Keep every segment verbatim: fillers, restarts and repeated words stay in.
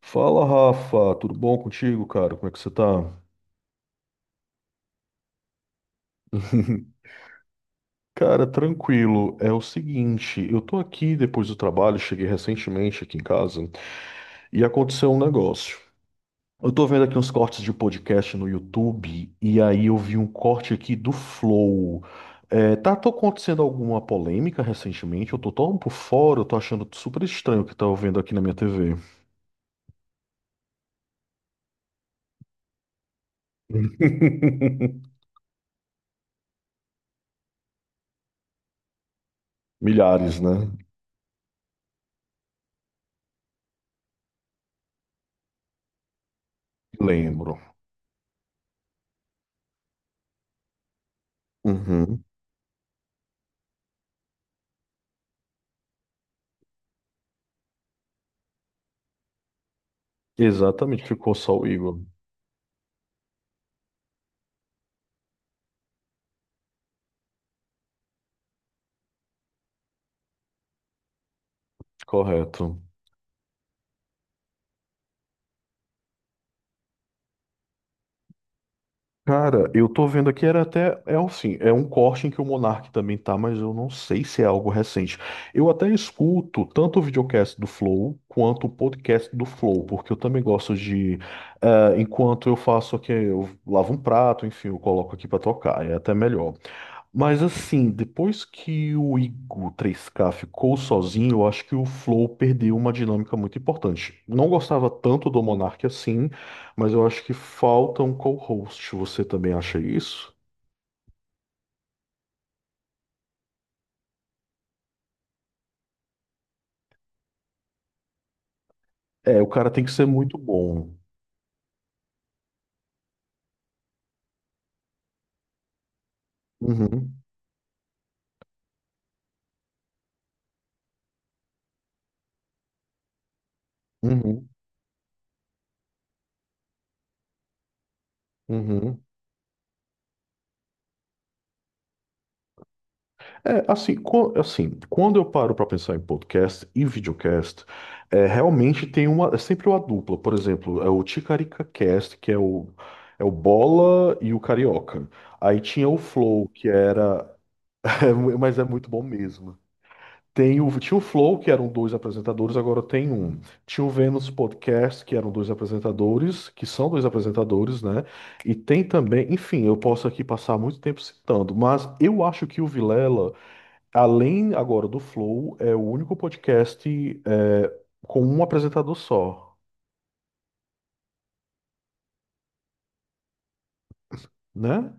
Fala, Rafa, tudo bom contigo, cara? Como é que você tá? Cara, tranquilo. É o seguinte, eu tô aqui depois do trabalho, cheguei recentemente aqui em casa e aconteceu um negócio. Eu tô vendo aqui uns cortes de podcast no YouTube e aí eu vi um corte aqui do Flow. É, tá tô acontecendo alguma polêmica recentemente? Eu tô tão por fora, eu tô achando super estranho o que tá vendo aqui na minha T V. Milhares, né? Lembro. Uhum. Exatamente, ficou só o Igor. Correto. Cara, eu tô vendo aqui, era até, é assim, é um corte em que o Monark também tá, mas eu não sei se é algo recente. Eu até escuto tanto o videocast do Flow quanto o podcast do Flow, porque eu também gosto de, eh, enquanto eu faço aqui, eu lavo um prato, enfim, eu coloco aqui pra tocar, é até melhor. Mas assim, depois que o Igo três K ficou sozinho, eu acho que o Flow perdeu uma dinâmica muito importante. Não gostava tanto do Monark assim, mas eu acho que falta um co-host. Você também acha isso? É, o cara tem que ser muito bom. Uhum, uhum, uhum. É, assim, co- assim, quando eu paro para pensar em podcast e videocast, é, realmente tem uma, é sempre uma dupla. Por exemplo, é o Ticarica Cast, que é o, é o Bola e o Carioca. Aí tinha o Flow, que era. É, mu- mas é muito bom mesmo. Tem o, tinha o Flow, que eram dois apresentadores, agora tem um. Tinha o Vênus Podcast, que eram dois apresentadores, que são dois apresentadores, né? E tem também, enfim, eu posso aqui passar muito tempo citando, mas eu acho que o Vilela. Além agora do Flow, é o único podcast é, com um apresentador só, né?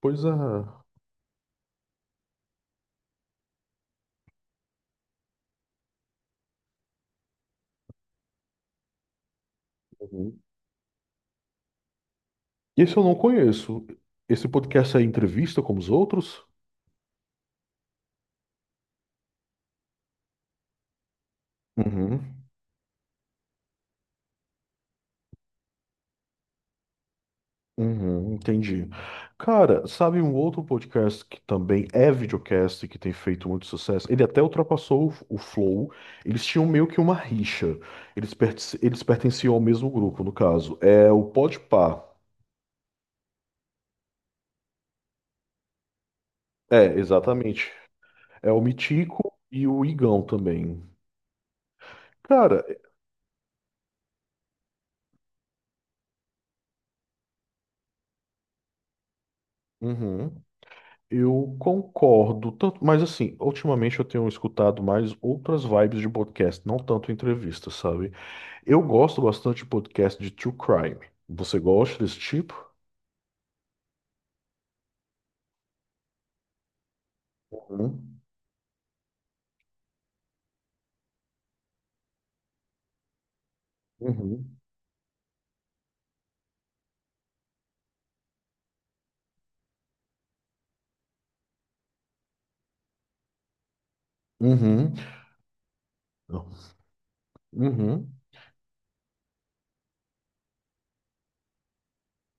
Pois é. Uhum. Esse eu não conheço. Esse podcast é entrevista como os outros? Uhum, uhum, entendi. Cara, sabe um outro podcast que também é videocast, que tem feito muito sucesso? Ele até ultrapassou o, o Flow. Eles tinham meio que uma rixa. Eles, perten- eles pertenciam ao mesmo grupo, no caso. É o Podpah. É, exatamente. É o Mitico e o Igão também. Cara, uhum, eu concordo tanto, mas assim, ultimamente eu tenho escutado mais outras vibes de podcast, não tanto entrevista, sabe? Eu gosto bastante de podcast de true crime. Você gosta desse tipo? Uhum. Uhum. Uhum. Não. Uhum.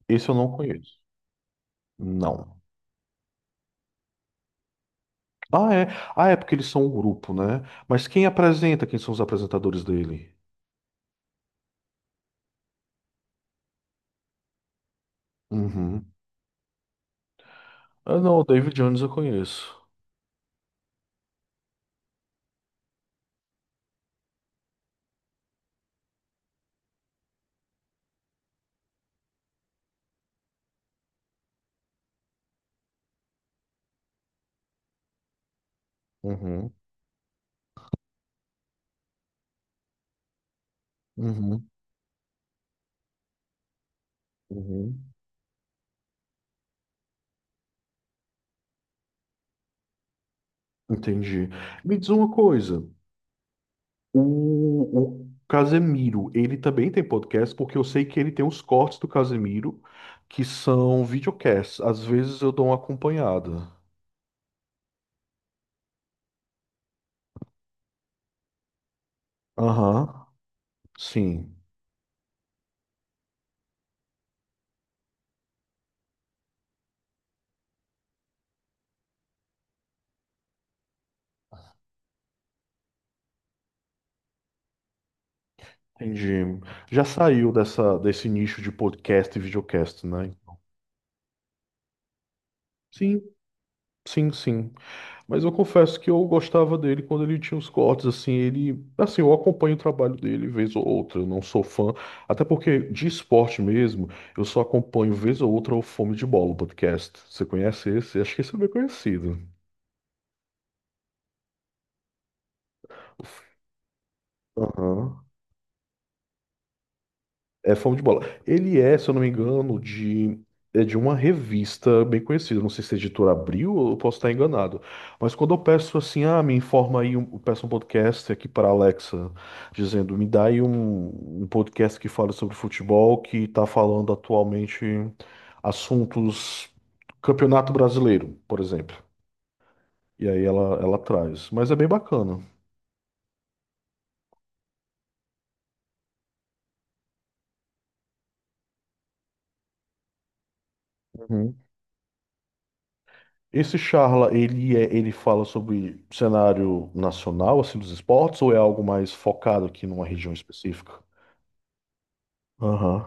Esse eu não conheço. Não. Ah, é. Ah, é porque eles são um grupo, né? Mas quem apresenta? Quem são os apresentadores dele? Uhum. Ah, não, o David Jones eu conheço. Uhum. Uhum, uhum. Entendi. Me diz uma coisa, o, o Casemiro, ele também tem podcast, porque eu sei que ele tem os cortes do Casemiro, que são videocasts. Às vezes eu dou uma acompanhada. Aham, sim, entendi. Já saiu dessa, desse nicho de podcast e videocast, né? Sim, sim, sim. Mas eu confesso que eu gostava dele quando ele tinha os cortes, assim, ele, assim, eu acompanho o trabalho dele vez ou outra, eu não sou fã, até porque de esporte mesmo, eu só acompanho vez ou outra o Fome de Bola, o podcast. Você conhece esse? Acho que esse é bem conhecido. Aham. É Fome de Bola. Ele é, se eu não me engano, de, é de uma revista bem conhecida. Não sei se a editora Abril, eu posso estar enganado. Mas quando eu peço assim, ah, me informa aí, um, eu peço um podcast aqui para a Alexa, dizendo, me dá aí um, um podcast que fala sobre futebol, que está falando atualmente assuntos Campeonato Brasileiro, por exemplo. E aí ela, ela traz. Mas é bem bacana. Esse Charla, ele é, ele fala sobre cenário nacional, assim, dos esportes, ou é algo mais focado aqui numa região específica? Aham.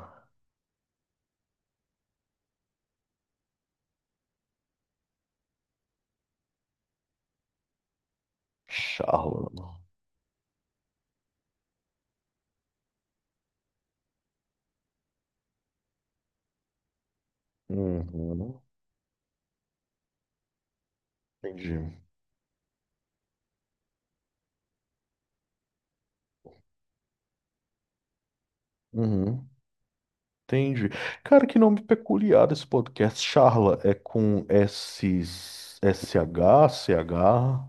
Charla. Uhum. Entendi. Uhum. Entendi. Cara, que nome peculiar desse podcast. Charla é com S, SH, C H,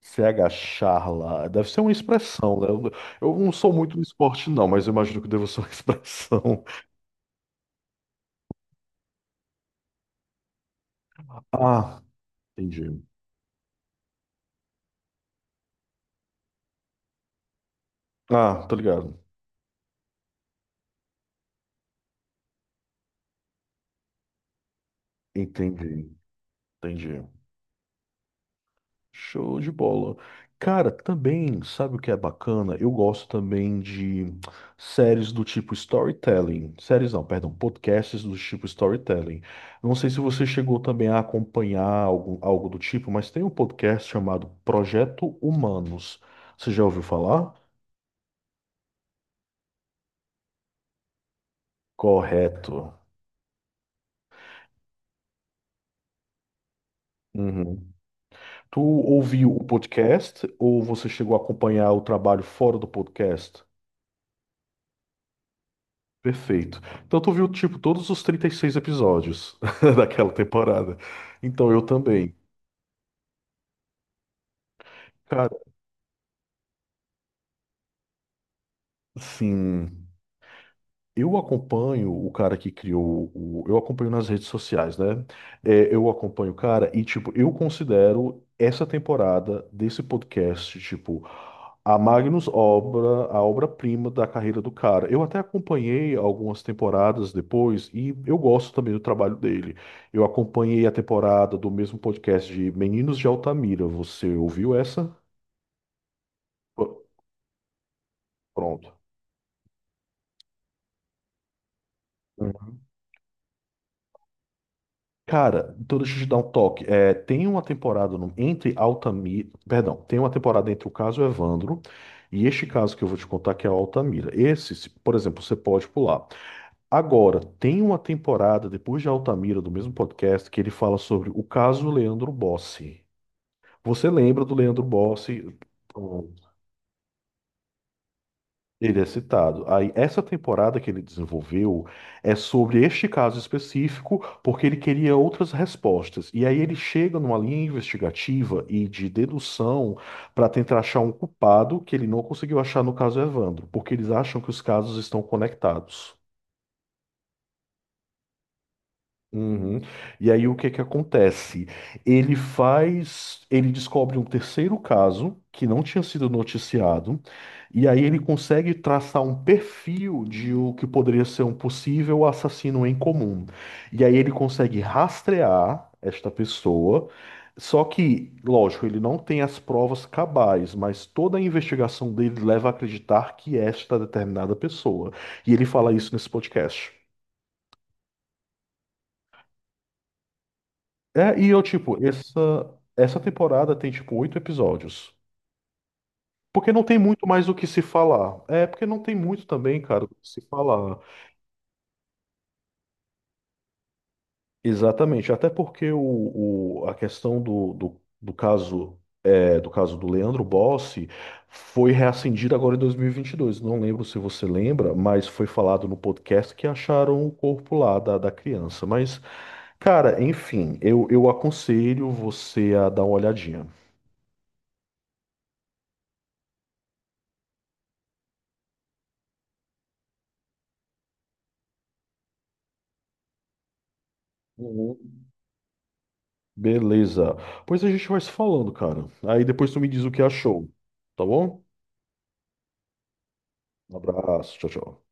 C H Charla. Deve ser uma expressão, né? Eu, eu não sou muito no esporte, não, mas eu imagino que deva ser uma expressão. Ah, entendi. Ah, tô ligado. Entendi, entendi. Show de bola. Cara, também, sabe o que é bacana? Eu gosto também de séries do tipo storytelling. Séries não, perdão, podcasts do tipo storytelling. Não sei se você chegou também a acompanhar algo, algo do tipo, mas tem um podcast chamado Projeto Humanos. Você já ouviu falar? Correto. Uhum. Tu ouviu o podcast ou você chegou a acompanhar o trabalho fora do podcast? Perfeito. Então tu viu, tipo, todos os trinta e seis episódios daquela temporada. Então eu também. Cara, sim. Eu acompanho o cara que criou o. Eu acompanho nas redes sociais, né? É, eu acompanho o cara e, tipo, eu considero essa temporada desse podcast, tipo, a Magnus obra, a obra-prima da carreira do cara. Eu até acompanhei algumas temporadas depois e eu gosto também do trabalho dele. Eu acompanhei a temporada do mesmo podcast de Meninos de Altamira. Você ouviu essa? Pronto. Cara, então deixa eu te dar um toque. É, tem uma temporada no- entre Altamira. Perdão, tem uma temporada entre o caso Evandro e este caso que eu vou te contar, que é o Altamira. Esse, se- por exemplo, você pode pular. Agora, tem uma temporada depois de Altamira, do mesmo podcast, que ele fala sobre o caso Leandro Bossi. Você lembra do Leandro Bossi? Então, ele é citado. Aí, essa temporada que ele desenvolveu é sobre este caso específico, porque ele queria outras respostas. E aí ele chega numa linha investigativa e de dedução para tentar achar um culpado que ele não conseguiu achar no caso Evandro, porque eles acham que os casos estão conectados. Uhum. E aí o que que acontece? Ele faz, ele descobre um terceiro caso que não tinha sido noticiado, e aí ele consegue traçar um perfil de o que poderia ser um possível assassino em comum. E aí ele consegue rastrear esta pessoa, só que, lógico, ele não tem as provas cabais, mas toda a investigação dele leva a acreditar que esta determinada pessoa. E ele fala isso nesse podcast. É, e eu, tipo, essa, essa temporada tem, tipo, oito episódios. Porque não tem muito mais o que se falar. É, porque não tem muito também, cara, o que se falar. Exatamente. Até porque o, o- a questão do, do, do caso, é, do caso do Leandro Bossi foi reacendida agora em dois mil e e vinte e dois. Não lembro se você lembra, mas foi falado no podcast que acharam o corpo lá da, da criança. Mas, cara, enfim, eu, eu aconselho você a dar uma olhadinha. Beleza. Pois a gente vai se falando, cara. Aí depois tu me diz o que achou. Tá bom? Um abraço. Tchau, tchau.